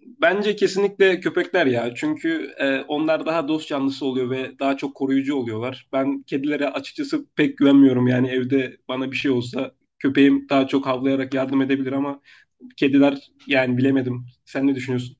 Bence kesinlikle köpekler ya. Çünkü onlar daha dost canlısı oluyor ve daha çok koruyucu oluyorlar. Ben kedilere açıkçası pek güvenmiyorum. Yani evde bana bir şey olsa köpeğim daha çok havlayarak yardım edebilir ama kediler yani bilemedim. Sen ne düşünüyorsun?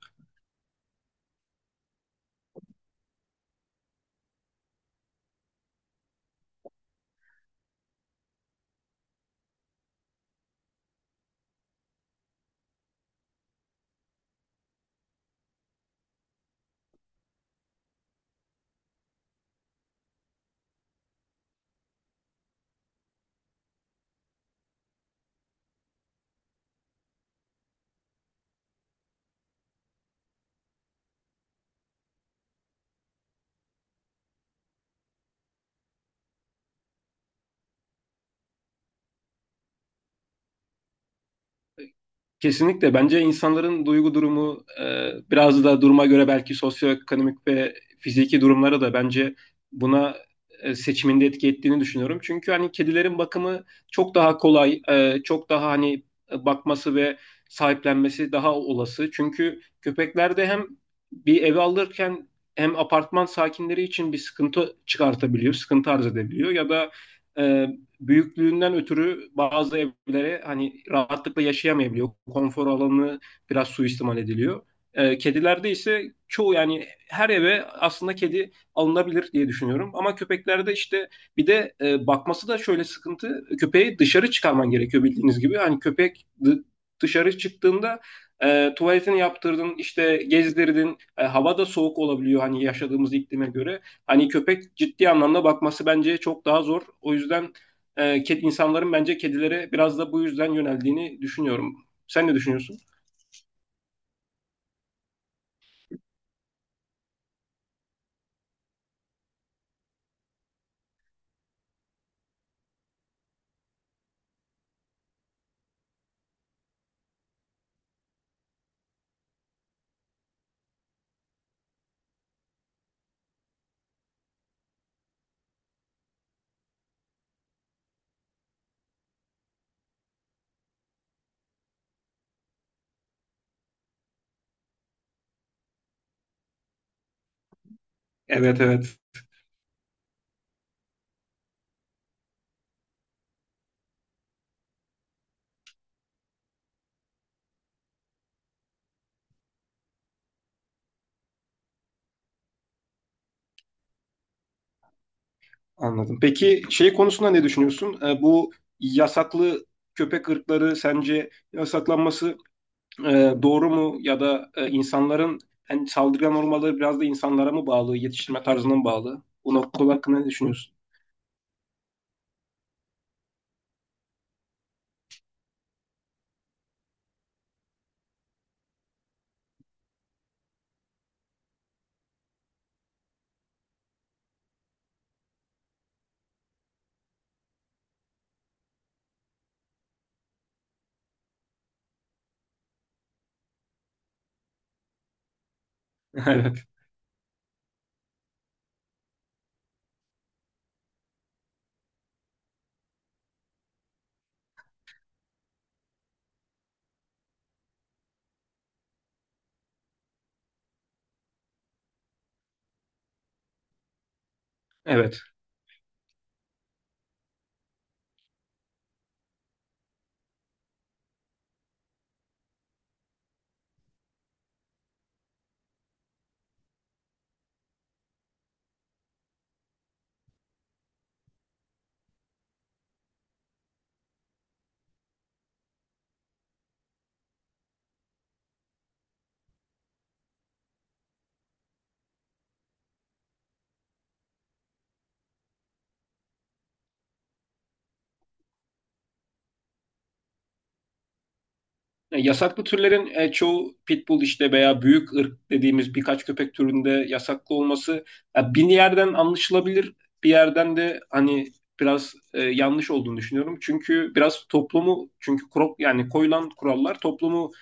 Kesinlikle. Bence insanların duygu durumu biraz da duruma göre belki sosyoekonomik ve fiziki durumlara da bence buna seçiminde etki ettiğini düşünüyorum. Çünkü hani kedilerin bakımı çok daha kolay, çok daha hani bakması ve sahiplenmesi daha olası. Çünkü köpeklerde hem bir ev alırken hem apartman sakinleri için bir sıkıntı çıkartabiliyor, sıkıntı arz edebiliyor ya da e, büyüklüğünden ötürü bazı evlere hani rahatlıkla yaşayamayabiliyor. Konfor alanı biraz suistimal ediliyor. Kedilerde ise çoğu yani her eve aslında kedi alınabilir diye düşünüyorum. Ama köpeklerde işte bir de bakması da şöyle sıkıntı. Köpeği dışarı çıkarman gerekiyor bildiğiniz gibi. Hani dışarı çıktığında tuvaletini yaptırdın, işte gezdirdin. E, hava da soğuk olabiliyor hani yaşadığımız iklime göre. Hani köpek ciddi anlamda bakması bence çok daha zor. O yüzden insanların bence kedilere biraz da bu yüzden yöneldiğini düşünüyorum. Sen ne düşünüyorsun? Evet evet, anladım. Peki şey konusunda ne düşünüyorsun? Bu yasaklı köpek ırkları sence yasaklanması e, doğru mu? Ya da insanların yani saldırgan olmaları biraz da insanlara mı bağlı, yetiştirme tarzına mı bağlı? Bu nokta hakkında ne düşünüyorsun? Evet, evet. Yasaklı türlerin çoğu pitbull işte veya büyük ırk dediğimiz birkaç köpek türünde yasaklı olması ya, bir yerden anlaşılabilir, bir yerden de hani biraz yanlış olduğunu düşünüyorum. Çünkü biraz toplumu çünkü yani koyulan kurallar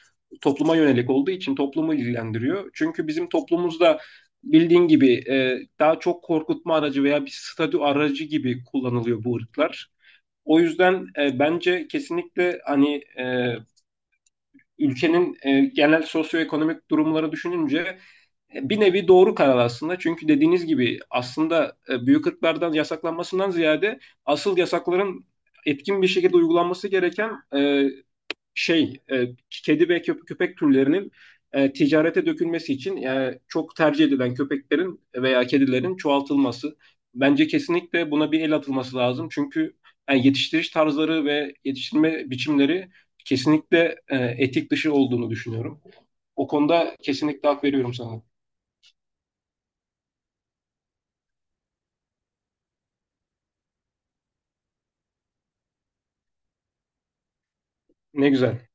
topluma yönelik olduğu için toplumu ilgilendiriyor. Çünkü bizim toplumumuzda bildiğin gibi daha çok korkutma aracı veya bir statü aracı gibi kullanılıyor bu ırklar. O yüzden bence kesinlikle ülkenin genel sosyoekonomik durumları düşününce bir nevi doğru karar aslında. Çünkü dediğiniz gibi aslında büyük ırklardan yasaklanmasından ziyade asıl yasakların etkin bir şekilde uygulanması gereken e, kedi ve köpek türlerinin ticarete dökülmesi için yani çok tercih edilen köpeklerin veya kedilerin çoğaltılması. Bence kesinlikle buna bir el atılması lazım. Çünkü yani yetiştiriş tarzları ve yetiştirme biçimleri kesinlikle etik dışı olduğunu düşünüyorum. O konuda kesinlikle hak veriyorum sana. Ne güzel,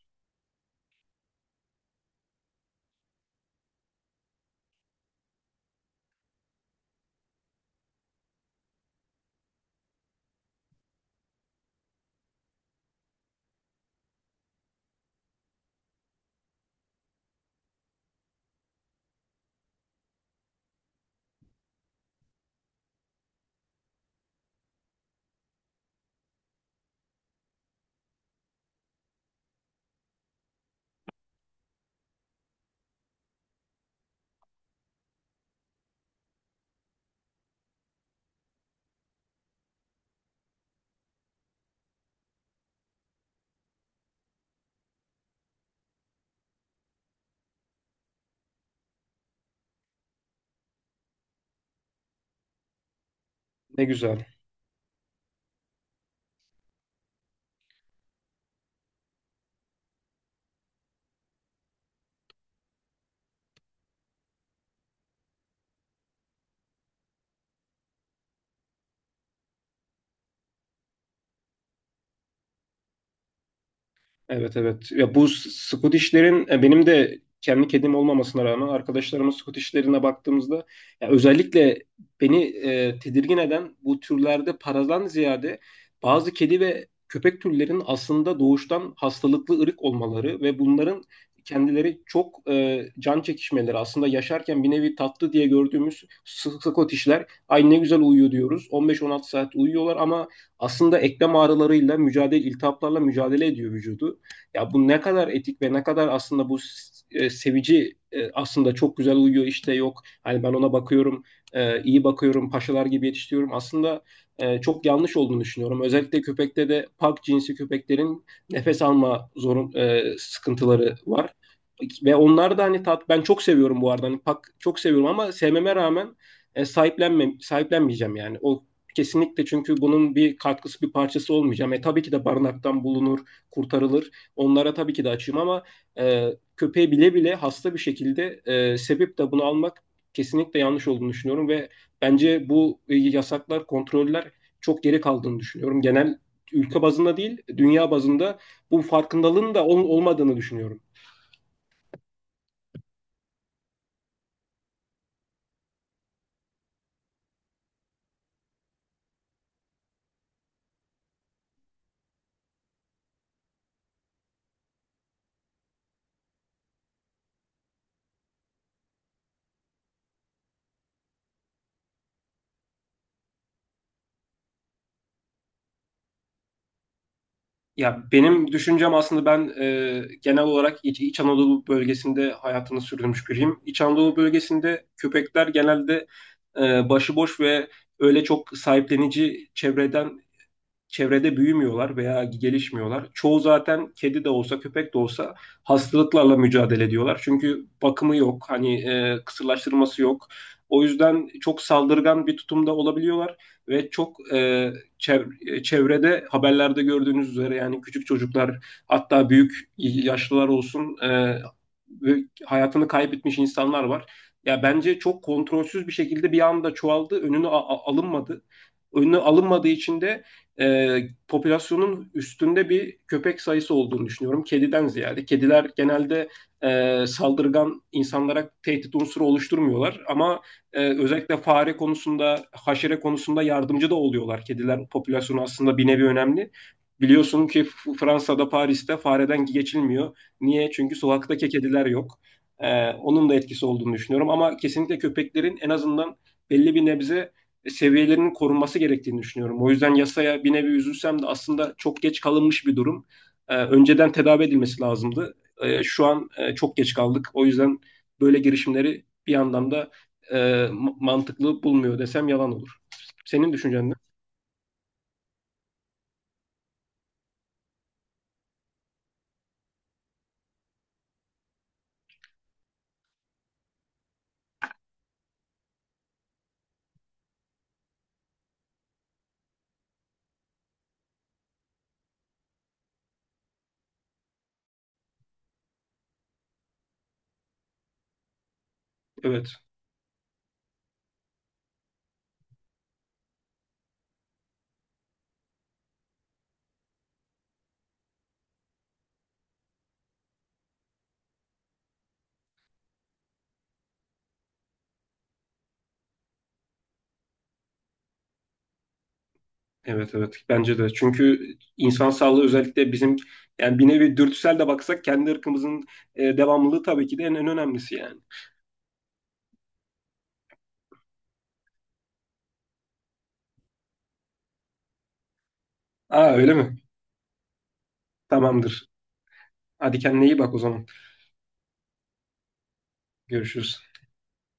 ne güzel. Evet evet. Ya Scottish'lerin benim de kendi kedim olmamasına rağmen arkadaşlarımın Scottish'lerine baktığımızda ya özellikle beni tedirgin eden bu türlerde paradan ziyade bazı kedi ve köpek türlerinin aslında doğuştan hastalıklı ırık olmaları ve bunların kendileri çok can çekişmeleri aslında yaşarken bir nevi tatlı diye gördüğümüz Scottish'ler ay ne güzel uyuyor diyoruz. 15-16 saat uyuyorlar ama aslında eklem ağrılarıyla mücadele, iltihaplarla mücadele ediyor vücudu. Ya bu ne kadar etik ve ne kadar aslında bu e, sevici e, aslında çok güzel uyuyor işte yok. Hani ben ona bakıyorum, iyi bakıyorum, paşalar gibi yetiştiriyorum. Aslında çok yanlış olduğunu düşünüyorum. Özellikle köpekte de pak cinsi köpeklerin nefes alma sıkıntıları var. Ve onlar da hani tat ben çok seviyorum bu arada. Hani pak çok seviyorum ama sevmeme rağmen sahiplenmeyeceğim yani. O kesinlikle çünkü bunun bir katkısı bir parçası olmayacağım. E tabii ki de barınaktan bulunur, kurtarılır. Onlara tabii ki de açığım ama e, köpeği bile bile hasta bir şekilde sebep de bunu almak kesinlikle yanlış olduğunu düşünüyorum ve bence bu yasaklar, kontroller çok geri kaldığını düşünüyorum. Genel ülke bazında değil, dünya bazında bu farkındalığın da olmadığını düşünüyorum. Ya benim düşüncem aslında ben genel olarak İç Anadolu bölgesinde hayatını sürdürmüş biriyim. İç Anadolu bölgesinde köpekler genelde e, başıboş ve öyle çok sahiplenici çevrede büyümüyorlar veya gelişmiyorlar. Çoğu zaten kedi de olsa köpek de olsa hastalıklarla mücadele ediyorlar. Çünkü bakımı yok, hani kısırlaştırması yok. O yüzden çok saldırgan bir tutumda olabiliyorlar ve çok çevrede haberlerde gördüğünüz üzere yani küçük çocuklar hatta büyük yaşlılar olsun e, ve hayatını kaybetmiş insanlar var. Ya bence çok kontrolsüz bir şekilde bir anda çoğaldı, önünü alınmadı. Önünü alınmadığı için de e, popülasyonun üstünde bir köpek sayısı olduğunu düşünüyorum. Kediden ziyade. Kediler genelde saldırgan insanlara tehdit unsuru oluşturmuyorlar. Ama özellikle fare konusunda, haşere konusunda yardımcı da oluyorlar. Kediler popülasyonu aslında bir nevi önemli. Biliyorsun ki Fransa'da, Paris'te fareden geçilmiyor. Niye? Çünkü sokaktaki kediler yok. E, onun da etkisi olduğunu düşünüyorum. Ama kesinlikle köpeklerin en azından belli bir nebze seviyelerinin korunması gerektiğini düşünüyorum. O yüzden yasaya bir nevi üzülsem de aslında çok geç kalınmış bir durum. Önceden tedavi edilmesi lazımdı. Şu an çok geç kaldık. O yüzden böyle girişimleri bir yandan da e, mantıklı bulmuyor desem yalan olur. Senin düşüncen ne? Evet. Evet evet, bence de çünkü insan sağlığı özellikle bizim yani bir nevi dürtüsel de baksak kendi ırkımızın devamlılığı tabii ki de en önemlisi yani. Aa öyle mi? Tamamdır. Hadi kendine iyi bak o zaman. Görüşürüz.